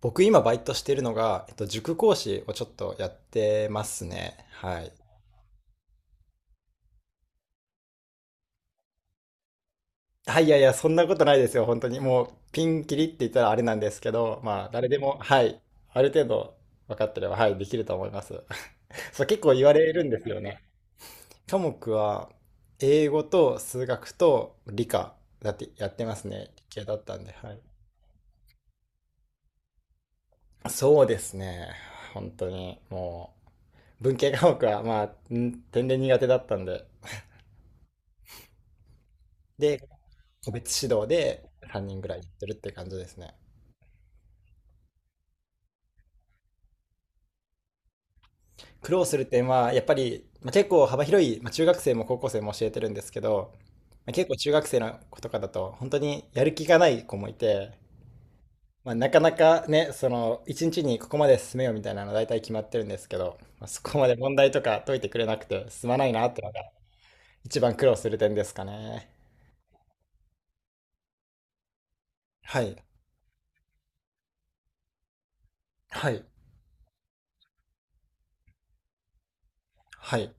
僕今バイトしてるのが、塾講師をちょっとやってますね。はい。はい、いやいや、そんなことないですよ、本当に。もう、ピンキリって言ったらあれなんですけど、まあ、誰でも、はい、ある程度分かってれば、はい、できると思います。そう、結構言われるんですよね。科目は、英語と数学と理科だってやってますね。理系だったんで、はい。そうですね。本当に、もう、文系科目は、まあ、天然苦手だったんで。で個別指導で3人ぐらいやってるって感じですね。苦労する点はやっぱり、まあ、結構幅広い、まあ、中学生も高校生も教えてるんですけど、まあ、結構中学生の子とかだと本当にやる気がない子もいて、まあ、なかなかねその1日にここまで進めようみたいなの大体決まってるんですけど、まあ、そこまで問題とか解いてくれなくて進まないなってのが一番苦労する点ですかね。はいはいはい。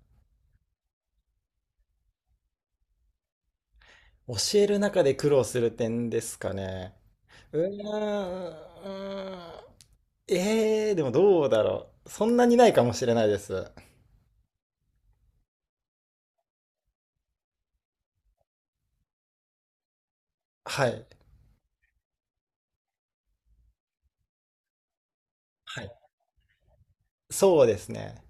教える中で苦労する点ですかね。うーんうーん。でもどうだろう。そんなにないかもしれないです。はい。はい。そうですね。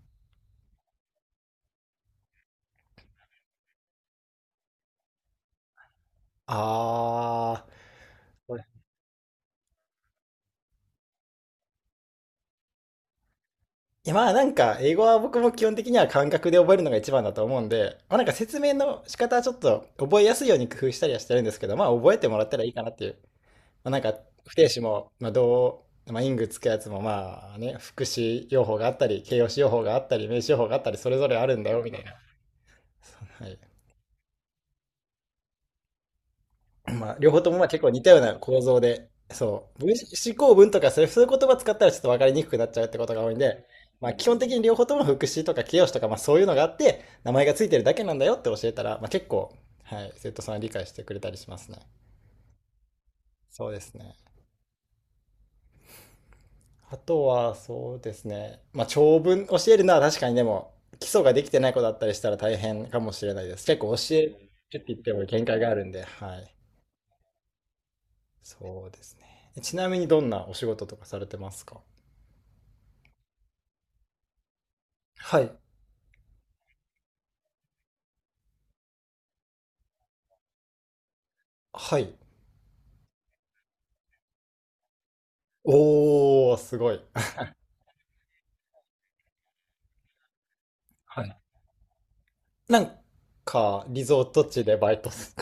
あー。これ、いやまあなんか、英語は僕も基本的には感覚で覚えるのが一番だと思うんで、まあなんか説明の仕方はちょっと覚えやすいように工夫したりはしてるんですけど、まあ覚えてもらったらいいかなっていう。まあなんか、不定詞も、まあどう、まあイングつくやつもまあね、副詞用法があったり、形容詞用法があったり、名詞用法があったり、それぞれあるんだよみたいな。はい。まあ、両方ともまあ結構似たような構造で、そう、分子構文とかそういう言葉使ったらちょっと分かりにくくなっちゃうってことが多いんで、まあ、基本的に両方とも副詞とか形容詞とか、まあ、そういうのがあって、名前がついてるだけなんだよって教えたら、まあ、結構、はい、生徒さんは理解してくれたりしますね。そうですね。あとは、そうですね。まあ、長文教えるのは確かにでも、基礎ができてない子だったりしたら大変かもしれないです。結構教えるって言っても限界があるんで、はい。そうですね。ちなみにどんなお仕事とかされてますか？はい。はい。おー、すごい。はい。なんか、リゾート地でバイトす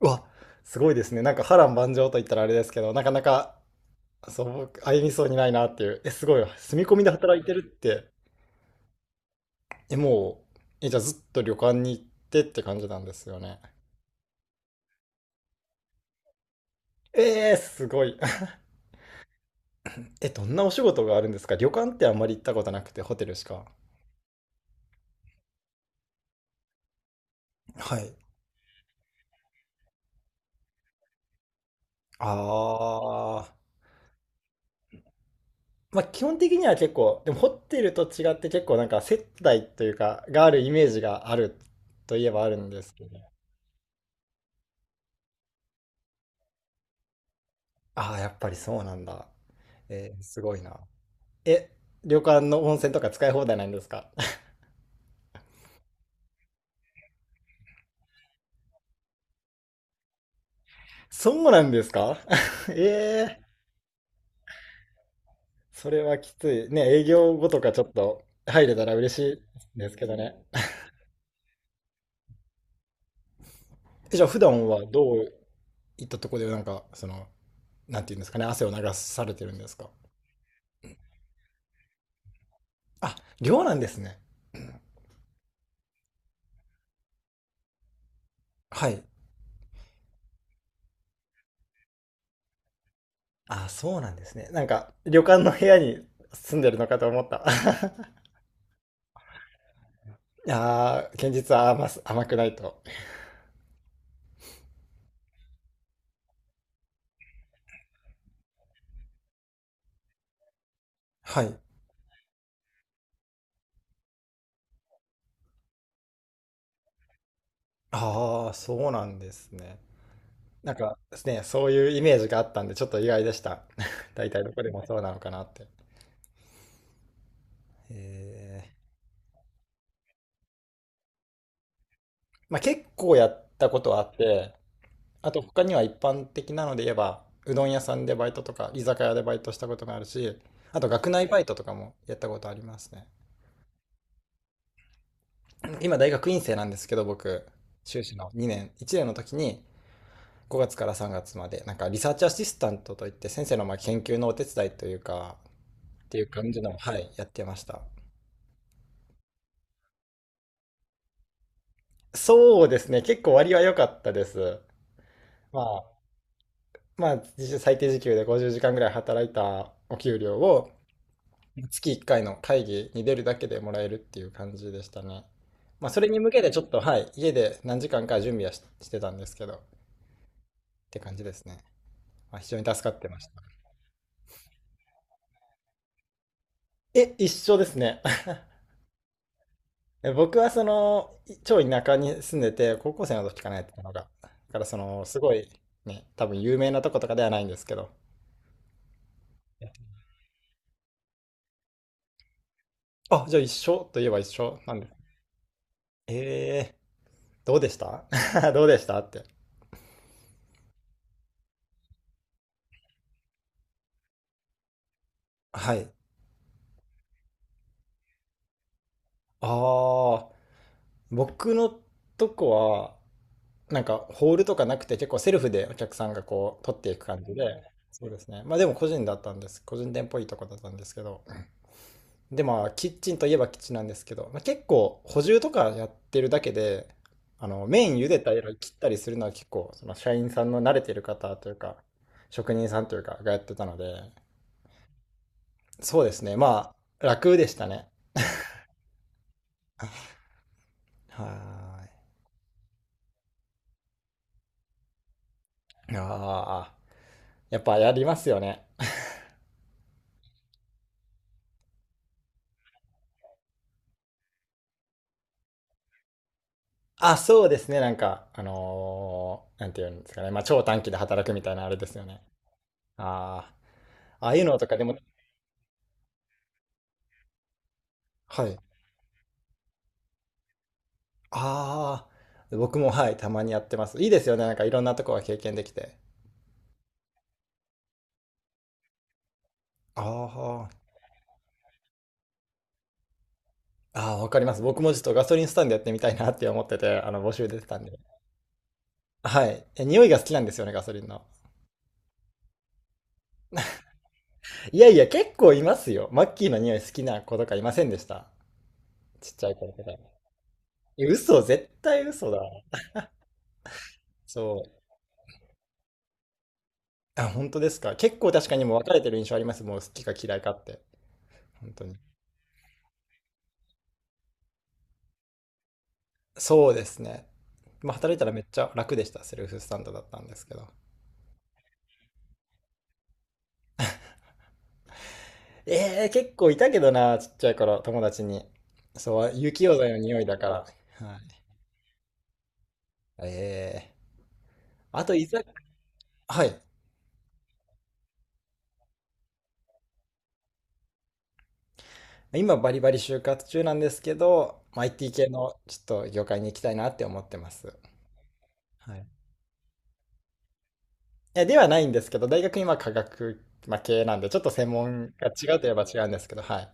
うわ、すごいですね。なんか波乱万丈と言ったらあれですけど、なかなか、そう、僕歩みそうにないなっていう。え、すごい。住み込みで働いてるって、え、もう、え、じゃあずっと旅館に行ってって感じなんですよね。えー、すごい。え、どんなお仕事があるんですか？旅館ってあんまり行ったことなくて、ホテルしか。はい。あー。まあ、基本的には結構、でもホテルと違って結構なんか接待というか、があるイメージがあるといえばあるんですけど。ああ、やっぱりそうなんだ。えー、すごいな。え、旅館の温泉とか使い放題なんですか？ そうなんですか？ ええ、それはきつい。ね、営業後とかちょっと入れたら嬉しいですけどね。え、じゃあ普段はどういったとこでなんか、その、なんていうんですかね、汗を流されてるんですか？あ、寮なんですね。はい。あ、そうなんですね。なんか、旅館の部屋に住んでるのかと思った。ああ、現実は甘くないと。はい。ああ、そうなんですね。なんかですね、そういうイメージがあったんで、ちょっと意外でした。大体どこでもそうなのかなって。ええ。まあ結構やったことはあって、あと他には一般的なので言えば、うどん屋さんでバイトとか、居酒屋でバイトしたことがあるし、あと学内バイトとかもやったことありますね。今大学院生なんですけど僕、修士の2年1年の時に5月から3月までなんかリサーチアシスタントといって先生のまあ研究のお手伝いというかっていう感じの、はい、やってました。そうですね、結構割は良かったです。まあ、まあ実質最低時給で50時間ぐらい働いたお給料を月1回の会議に出るだけでもらえるっていう感じでしたね。まあそれに向けてちょっとはい家で何時間か準備はしてたんですけどって感じですね、まあ、非常に助かってました。え、一緒ですね。僕はその、超田舎に住んでて、高校生の時かなやってたのが。だからその、すごい、ね、多分有名なとことかではないんですけど。あ、じゃあ一緒といえば一緒なんです。えどうでした？ どうでしたって。はい。ああ、僕のとこは、なんかホールとかなくて結構セルフでお客さんがこう取っていく感じで、そうですね。まあでも個人だったんです。個人店っぽいとこだったんですけど、でまあキッチンといえばキッチンなんですけど、まあ、結構補充とかやってるだけで、あの麺茹でたり切ったりするのは結構その社員さんの慣れてる方というか職人さんというかがやってたので、そうですね、まあ楽でしたね。はーい。ああ、やっぱやりますよね。あ、そうですね、なんかなんていうんですかね、まあ超短期で働くみたいなあれですよね。ああ、ああいうのとかでも、はい。ああ、僕もはい、たまにやってます。いいですよね、なんかいろんなとこが経験できて。ああ、ああ、わかります。僕もちょっとガソリンスタンドやってみたいなって思ってて、募集出てたんで。はい。え、匂いが好きなんですよね、ガソリンの。いやいや、結構いますよ。マッキーの匂い好きな子とかいませんでした？ちっちゃい子とか。え、嘘、絶対嘘だ。そう。あ、本当ですか？結構確かにもう分かれてる印象あります。もう好きか嫌いかって。本当に。そうですね。まあ、働いたらめっちゃ楽でした。セルフスタンドだったんですけど。ええー、結構いたけどな、ちっちゃい頃、友達に。そう、雪溶剤の匂いだから。はい、ええー、あと、いざ、はい。今、バリバリ就活中なんですけど、まあ IT 系のちょっと業界に行きたいなって思ってます。はい。いやではないんですけど、大学今、科学、まあ、系なんで、ちょっと専門が違うといえば違うんですけど、はい。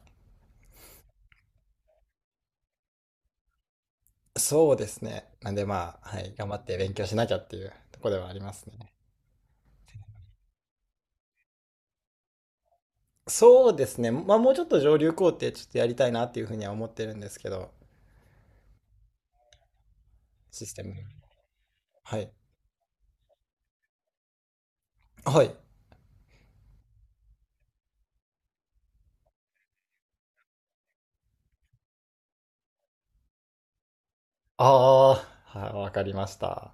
そうですね。なんで、まあ、はい、頑張って勉強しなきゃっていうところではありますね。そうですね。まあ、もうちょっと上流工程ちょっとやりたいなっていうふうには思ってるんですけど、システム。はい。はい。ああ、はい、わかりました。